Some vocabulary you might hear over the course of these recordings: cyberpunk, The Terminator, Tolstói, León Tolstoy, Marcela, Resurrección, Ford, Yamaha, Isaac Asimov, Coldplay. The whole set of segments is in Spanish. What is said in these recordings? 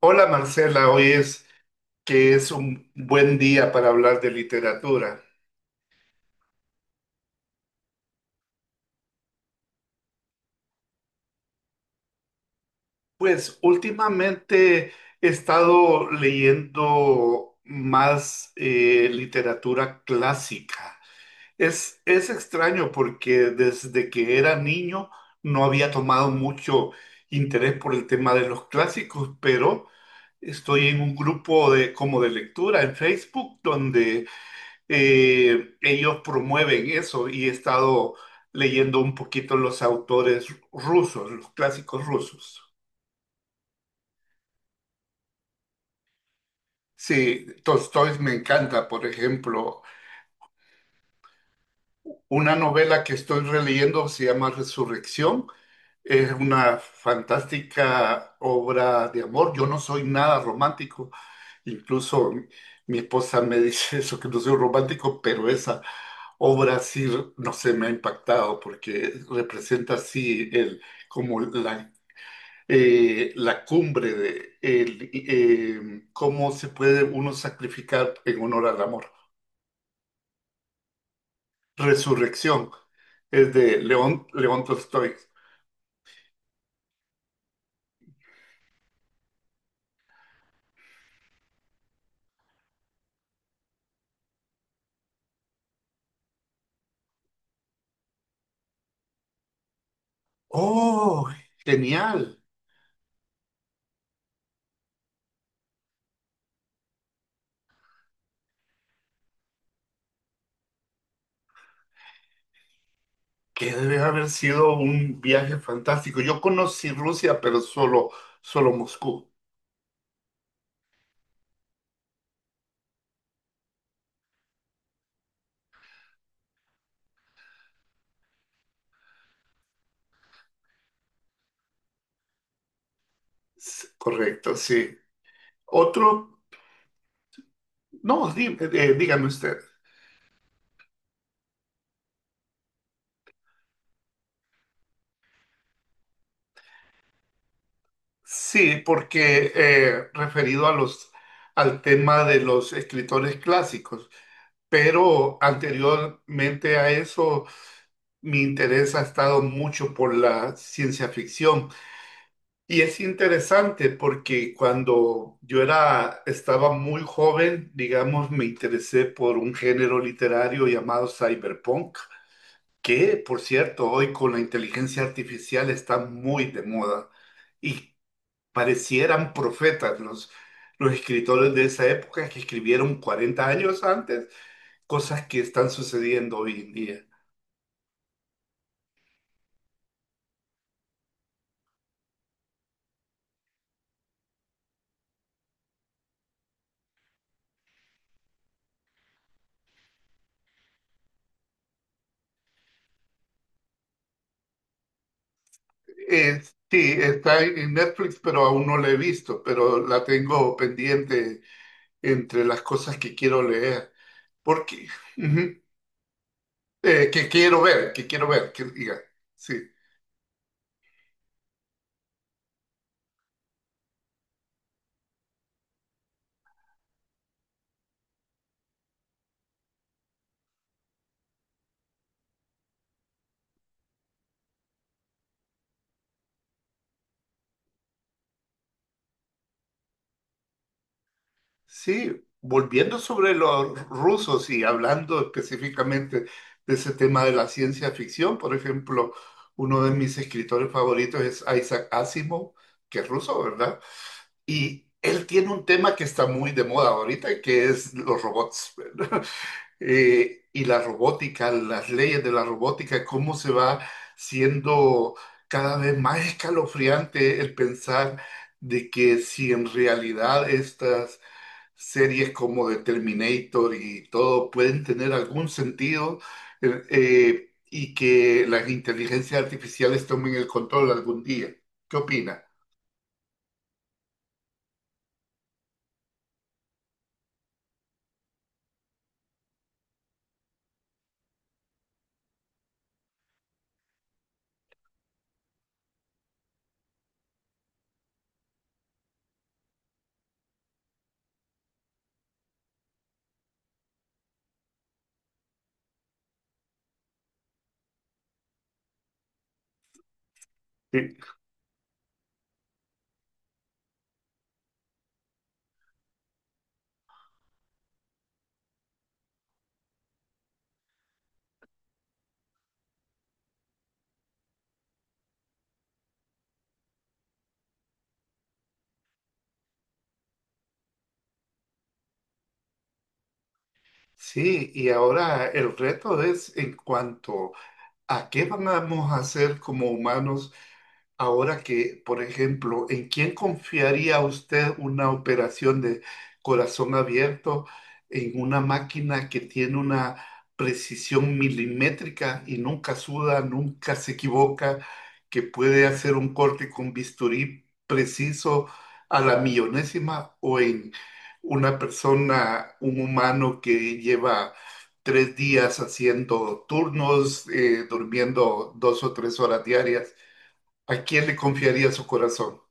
Hola Marcela, hoy es que es un buen día para hablar de literatura. Pues últimamente he estado leyendo más literatura clásica. Es extraño porque desde que era niño no había tomado mucho interés por el tema de los clásicos, pero estoy en un grupo de, como de lectura en Facebook, ellos promueven eso y he estado leyendo un poquito los autores rusos, los clásicos rusos. Sí, Tolstói me encanta, por ejemplo, una novela que estoy releyendo se llama Resurrección. Es una fantástica obra de amor. Yo no soy nada romántico, incluso mi esposa me dice eso, que no soy romántico, pero esa o Brasil, no sé, me ha impactado porque representa así el, como la, la cumbre de el, cómo se puede uno sacrificar en honor al amor. Resurrección es de León, León Tolstoy. ¡Oh, genial! Que debe haber sido un viaje fantástico. Yo conocí Rusia, pero solo, solo Moscú. Correcto, sí. Otro, no, dígame usted. Sí, porque referido a los, al tema de los escritores clásicos, pero anteriormente a eso mi interés ha estado mucho por la ciencia ficción. Y es interesante porque cuando estaba muy joven, digamos, me interesé por un género literario llamado cyberpunk, que por cierto hoy con la inteligencia artificial está muy de moda. Y parecieran profetas los escritores de esa época que escribieron 40 años antes cosas que están sucediendo hoy en día. Sí, está en Netflix, pero aún no la he visto, pero la tengo pendiente entre las cosas que quiero leer, porque ujú, que quiero ver, que quiero ver, que diga, sí. Sí, volviendo sobre los rusos y hablando específicamente de ese tema de la ciencia ficción, por ejemplo, uno de mis escritores favoritos es Isaac Asimov, que es ruso, ¿verdad? Y él tiene un tema que está muy de moda ahorita, que es los robots, ¿verdad? Y la robótica, las leyes de la robótica, cómo se va siendo cada vez más escalofriante el pensar de que si en realidad estas series como The Terminator y todo pueden tener algún sentido, y que las inteligencias artificiales tomen el control algún día. ¿Qué opina? Sí. Sí, y ahora el reto es en cuanto a qué vamos a hacer como humanos. Ahora que, por ejemplo, ¿en quién confiaría usted una operación de corazón abierto en una máquina que tiene una precisión milimétrica y nunca suda, nunca se equivoca, que puede hacer un corte con bisturí preciso a la millonésima, o en una persona, un humano que lleva 3 días haciendo turnos, durmiendo 2 o 3 horas diarias? ¿A quién le confiaría su corazón?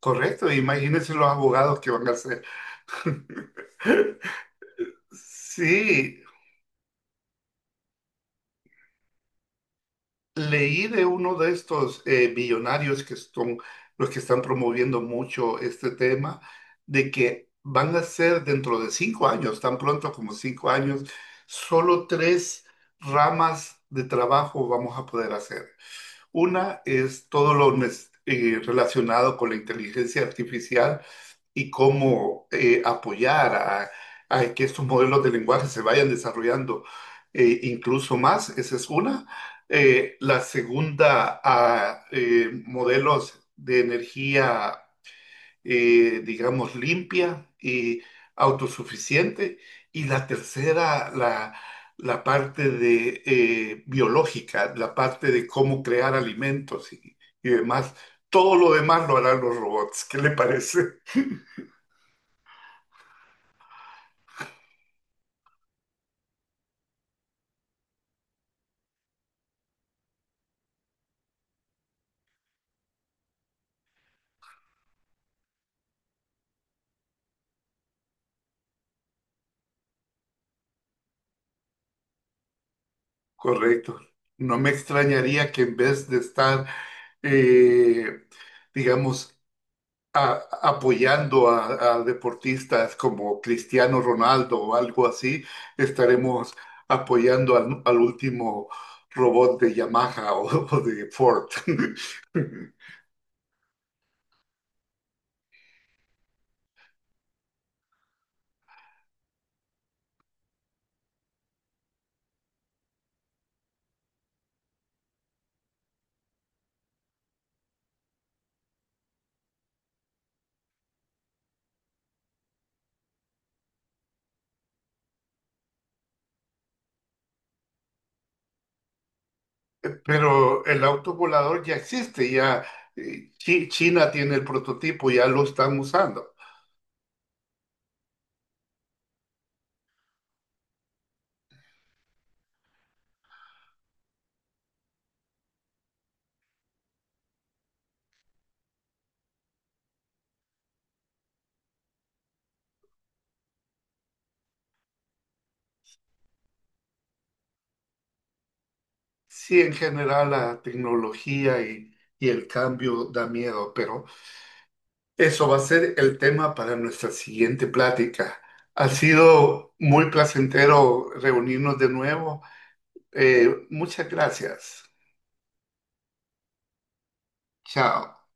Correcto, imagínense los abogados que van a ser. Sí, leí de uno de estos millonarios que son los que están promoviendo mucho este tema, de que van a ser dentro de 5 años, tan pronto como 5 años, solo tres ramas de trabajo vamos a poder hacer. Una es todo lo relacionado con la inteligencia artificial y cómo apoyar a que estos modelos de lenguaje se vayan desarrollando, incluso más. Esa es una. La segunda, a modelos de energía, digamos, limpia y autosuficiente. Y la tercera, la parte de biológica, la parte de cómo crear alimentos y demás. Todo lo demás lo harán los robots. ¿Qué le parece? Correcto. No me extrañaría que en vez de estar, eh, digamos, apoyando a deportistas como Cristiano Ronaldo o algo así, estaremos apoyando al, al último robot de Yamaha o de Ford. Pero el auto volador ya existe, ya China tiene el prototipo, ya lo están usando. Sí, en general la tecnología y el cambio da miedo, pero eso va a ser el tema para nuestra siguiente plática. Ha sido muy placentero reunirnos de nuevo. Muchas gracias. Chao.